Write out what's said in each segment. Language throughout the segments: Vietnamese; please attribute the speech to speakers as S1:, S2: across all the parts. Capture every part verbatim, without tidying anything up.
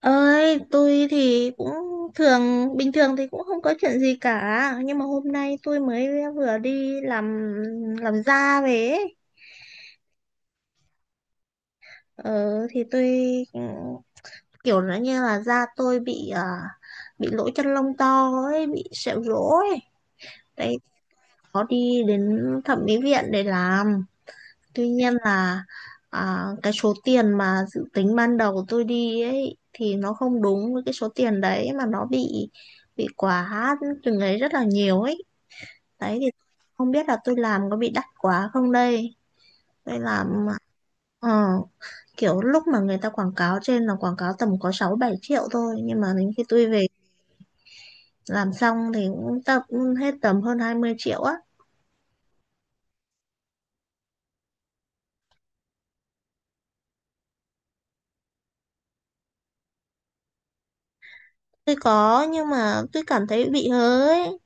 S1: Ơi, tôi thì cũng thường bình thường thì cũng không có chuyện gì cả, nhưng mà hôm nay tôi mới vừa đi làm làm da về ấy. ờ, thì tôi ừ, kiểu nó như là da tôi bị à, bị lỗ chân lông to ấy, bị sẹo rỗ ấy đấy, có đi đến thẩm mỹ viện để làm. Tuy nhiên là, à, cái số tiền mà dự tính ban đầu tôi đi ấy thì nó không đúng với cái số tiền đấy, mà nó bị bị quá từng ấy rất là nhiều ấy. Đấy thì không biết là tôi làm có bị đắt quá không đây. Tôi làm ờ, kiểu lúc mà người ta quảng cáo trên là quảng cáo tầm có sáu bảy triệu thôi, nhưng mà đến khi tôi về làm xong thì cũng tập hết tầm hơn hai mươi triệu á. Tôi có nhưng mà tôi cảm thấy bị hớ ấy.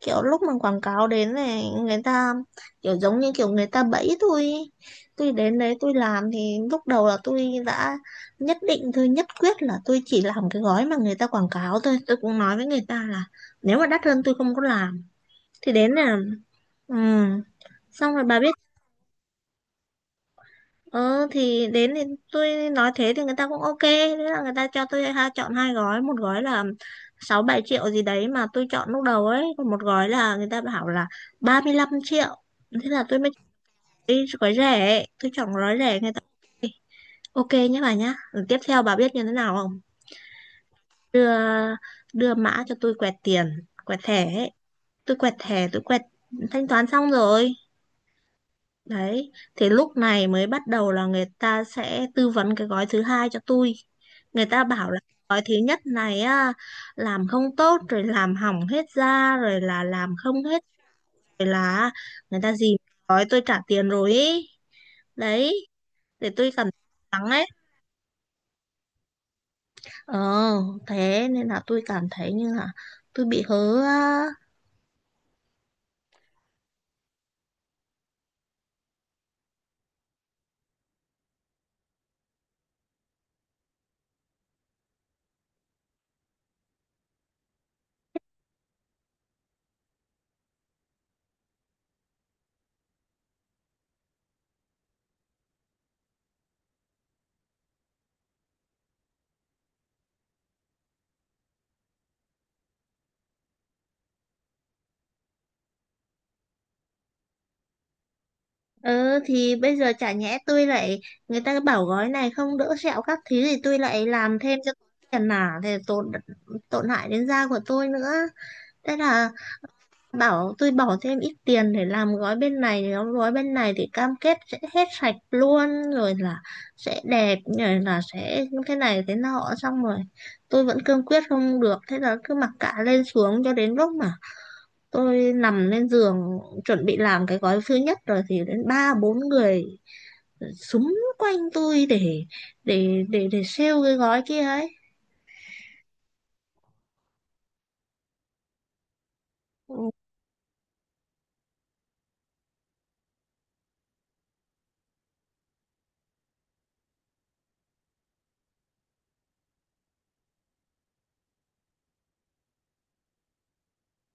S1: Kiểu lúc mà quảng cáo đến này, người ta kiểu giống như kiểu người ta bẫy tôi ý. Tôi đến đấy tôi làm thì lúc đầu là tôi đã nhất định, tôi nhất quyết là tôi chỉ làm cái gói mà người ta quảng cáo thôi, tôi cũng nói với người ta là nếu mà đắt hơn tôi không có làm. Thì đến là ừ. xong rồi bà biết. Ờ thì đến thì tôi nói thế thì người ta cũng ok. Thế là người ta cho tôi, ha, chọn hai gói. Một gói là sáu bảy triệu gì đấy mà tôi chọn lúc đầu ấy. Còn một gói là người ta bảo là 35 triệu. Thế là tôi mới chọn cái gói rẻ ấy. Tôi chọn gói rẻ, người ta ok nhé bà nhá. Rồi tiếp theo bà biết như thế nào không? Đưa, đưa mã cho tôi quẹt tiền, quẹt thẻ ấy. Tôi quẹt thẻ, tôi quẹt thanh toán xong rồi. Đấy, thì lúc này mới bắt đầu là người ta sẽ tư vấn cái gói thứ hai cho tôi. Người ta bảo là gói thứ nhất này á, làm không tốt rồi, làm hỏng hết da rồi, là làm không hết, rồi là người ta gì gói tôi trả tiền rồi ý. Đấy, để tôi cần lắng ấy. Ờ, thế nên là tôi cảm thấy như là tôi bị hớ á. Ừ thì bây giờ chả nhẽ tôi lại, người ta bảo gói này không đỡ sẹo các thứ thì tôi lại làm thêm cho tiền à, thì tổn tổn hại đến da của tôi nữa. Thế là bảo tôi bỏ thêm ít tiền để làm gói bên này, thì đóng gói bên này thì cam kết sẽ hết sạch luôn, rồi là sẽ đẹp, rồi là sẽ thế này thế nọ. Xong rồi tôi vẫn cương quyết không được, thế là cứ mặc cả lên xuống cho đến lúc mà tôi nằm lên giường chuẩn bị làm cái gói thứ nhất rồi, thì đến ba bốn người súng quanh tôi để để để để sale cái gói kia ấy. Ừ.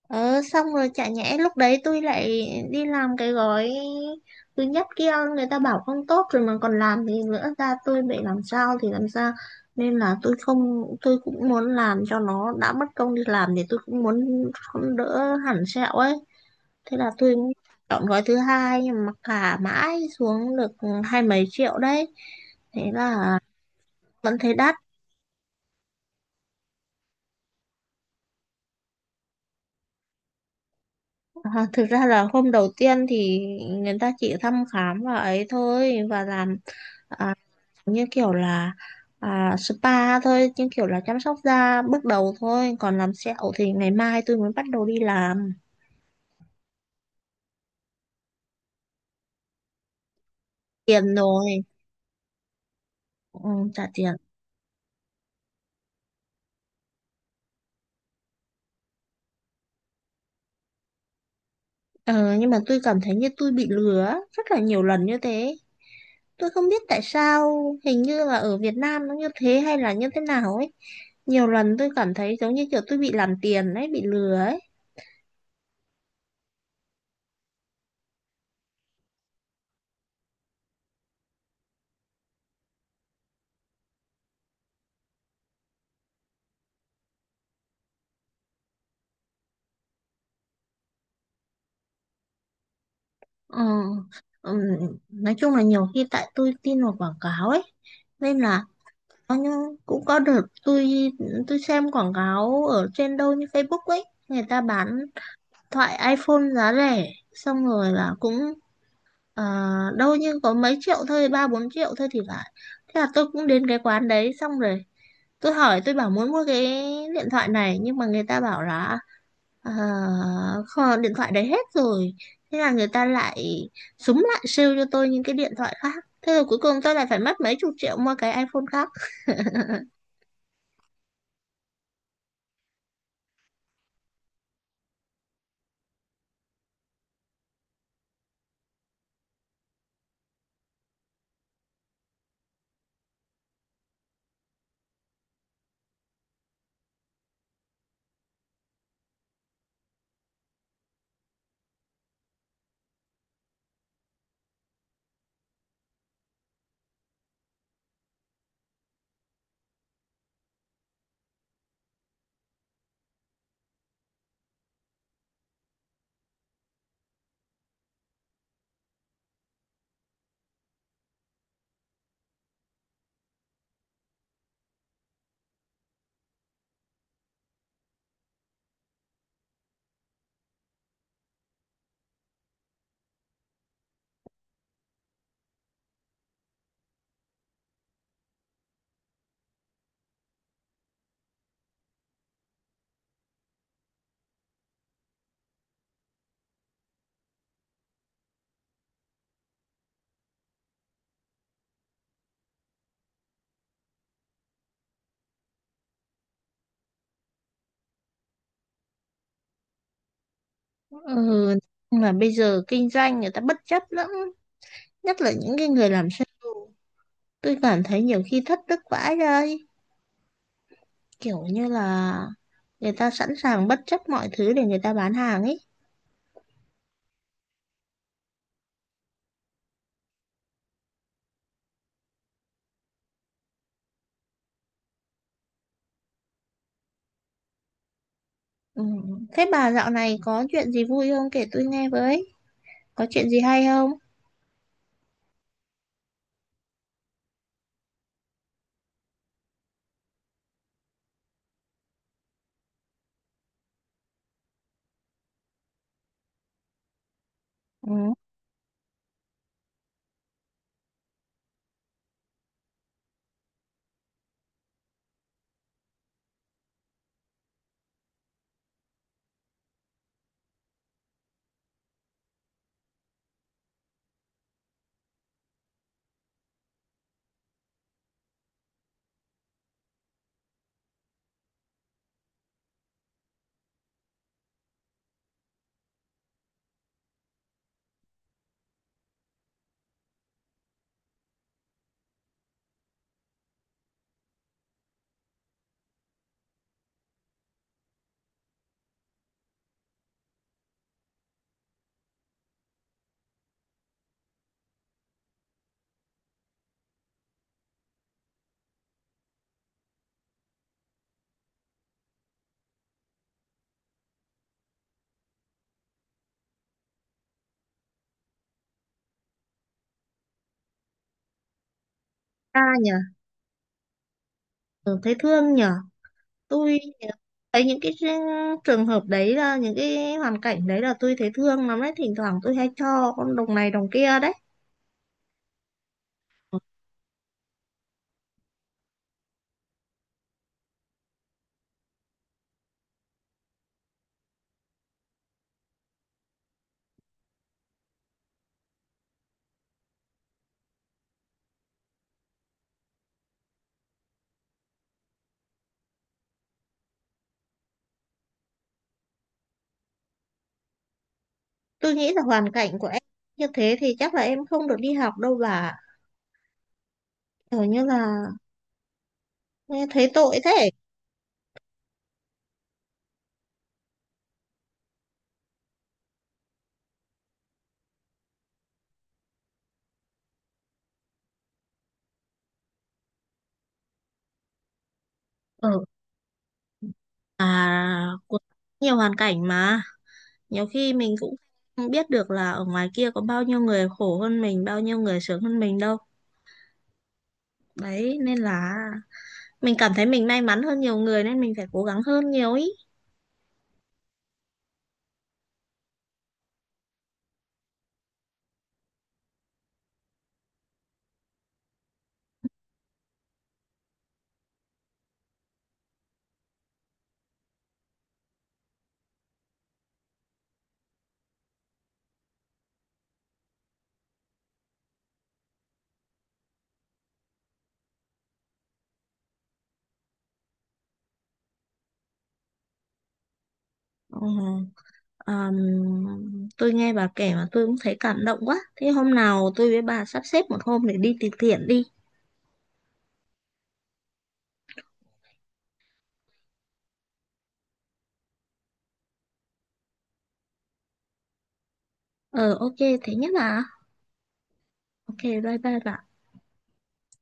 S1: ờ xong rồi chả nhẽ lúc đấy tôi lại đi làm cái gói thứ nhất kia, người ta bảo không tốt rồi mà còn làm thì nữa ra tôi bị làm sao thì làm sao. Nên là tôi không, tôi cũng muốn làm cho nó đã mất công đi làm, thì tôi cũng muốn không đỡ hẳn sẹo ấy. Thế là tôi chọn gói thứ hai, nhưng mà cả mãi xuống được hai mấy triệu đấy, thế là vẫn thấy đắt. À, thực ra là hôm đầu tiên thì người ta chỉ thăm khám và ấy thôi và làm, à, như kiểu là, à, spa thôi, như kiểu là chăm sóc da bước đầu thôi, còn làm sẹo thì ngày mai tôi mới bắt đầu đi làm tiền rồi. ừ, Trả tiền. Ờ, nhưng mà tôi cảm thấy như tôi bị lừa á, rất là nhiều lần như thế. Tôi không biết tại sao, hình như là ở Việt Nam nó như thế hay là như thế nào ấy. Nhiều lần tôi cảm thấy giống như kiểu tôi bị làm tiền ấy, bị lừa ấy. Ờ, ừm, nói chung là nhiều khi tại tôi tin vào quảng cáo ấy, nên là có những cũng có đợt tôi tôi xem quảng cáo ở trên đâu như Facebook ấy, người ta bán thoại iPhone giá rẻ, xong rồi là cũng, ờ, đâu như có mấy triệu thôi, ba bốn triệu thôi thì phải. Thế là tôi cũng đến cái quán đấy, xong rồi tôi hỏi, tôi bảo muốn mua cái điện thoại này, nhưng mà người ta bảo là, À, kho- điện thoại đấy hết rồi. Thế là người ta lại súng lại sale cho tôi những cái điện thoại khác. Thế rồi cuối cùng tôi lại phải mất mấy chục triệu mua cái iPhone khác. Ừ, mà bây giờ kinh doanh người ta bất chấp lắm, nhất là những cái người làm sale tôi cảm thấy nhiều khi thất đức vãi đây. Kiểu như là người ta sẵn sàng bất chấp mọi thứ để người ta bán hàng ấy. Ừ. Thế bà dạo này có chuyện gì vui không, kể tôi nghe với, có chuyện gì hay không? Ừ. Ta nhỉ. Ừ, thấy thương nhỉ. Tôi thấy những cái trường hợp đấy, là những cái hoàn cảnh đấy là tôi thấy thương lắm đấy, thỉnh thoảng tôi hay cho con đồng này đồng kia đấy. Tôi nghĩ là hoàn cảnh của em như thế thì chắc là em không được đi học đâu bà, kiểu như là nghe thấy tội thế. Ừ. À, có nhiều hoàn cảnh mà nhiều khi mình cũng không biết được là ở ngoài kia có bao nhiêu người khổ hơn mình, bao nhiêu người sướng hơn mình đâu. Đấy nên là mình cảm thấy mình may mắn hơn nhiều người, nên mình phải cố gắng hơn nhiều ý. Ừ. Ờm, tôi nghe bà kể mà tôi cũng thấy cảm động quá. Thế hôm nào tôi với bà sắp xếp một hôm để đi từ thiện đi. Ờ, ok, thế nhất là. Ok, bye bye bà.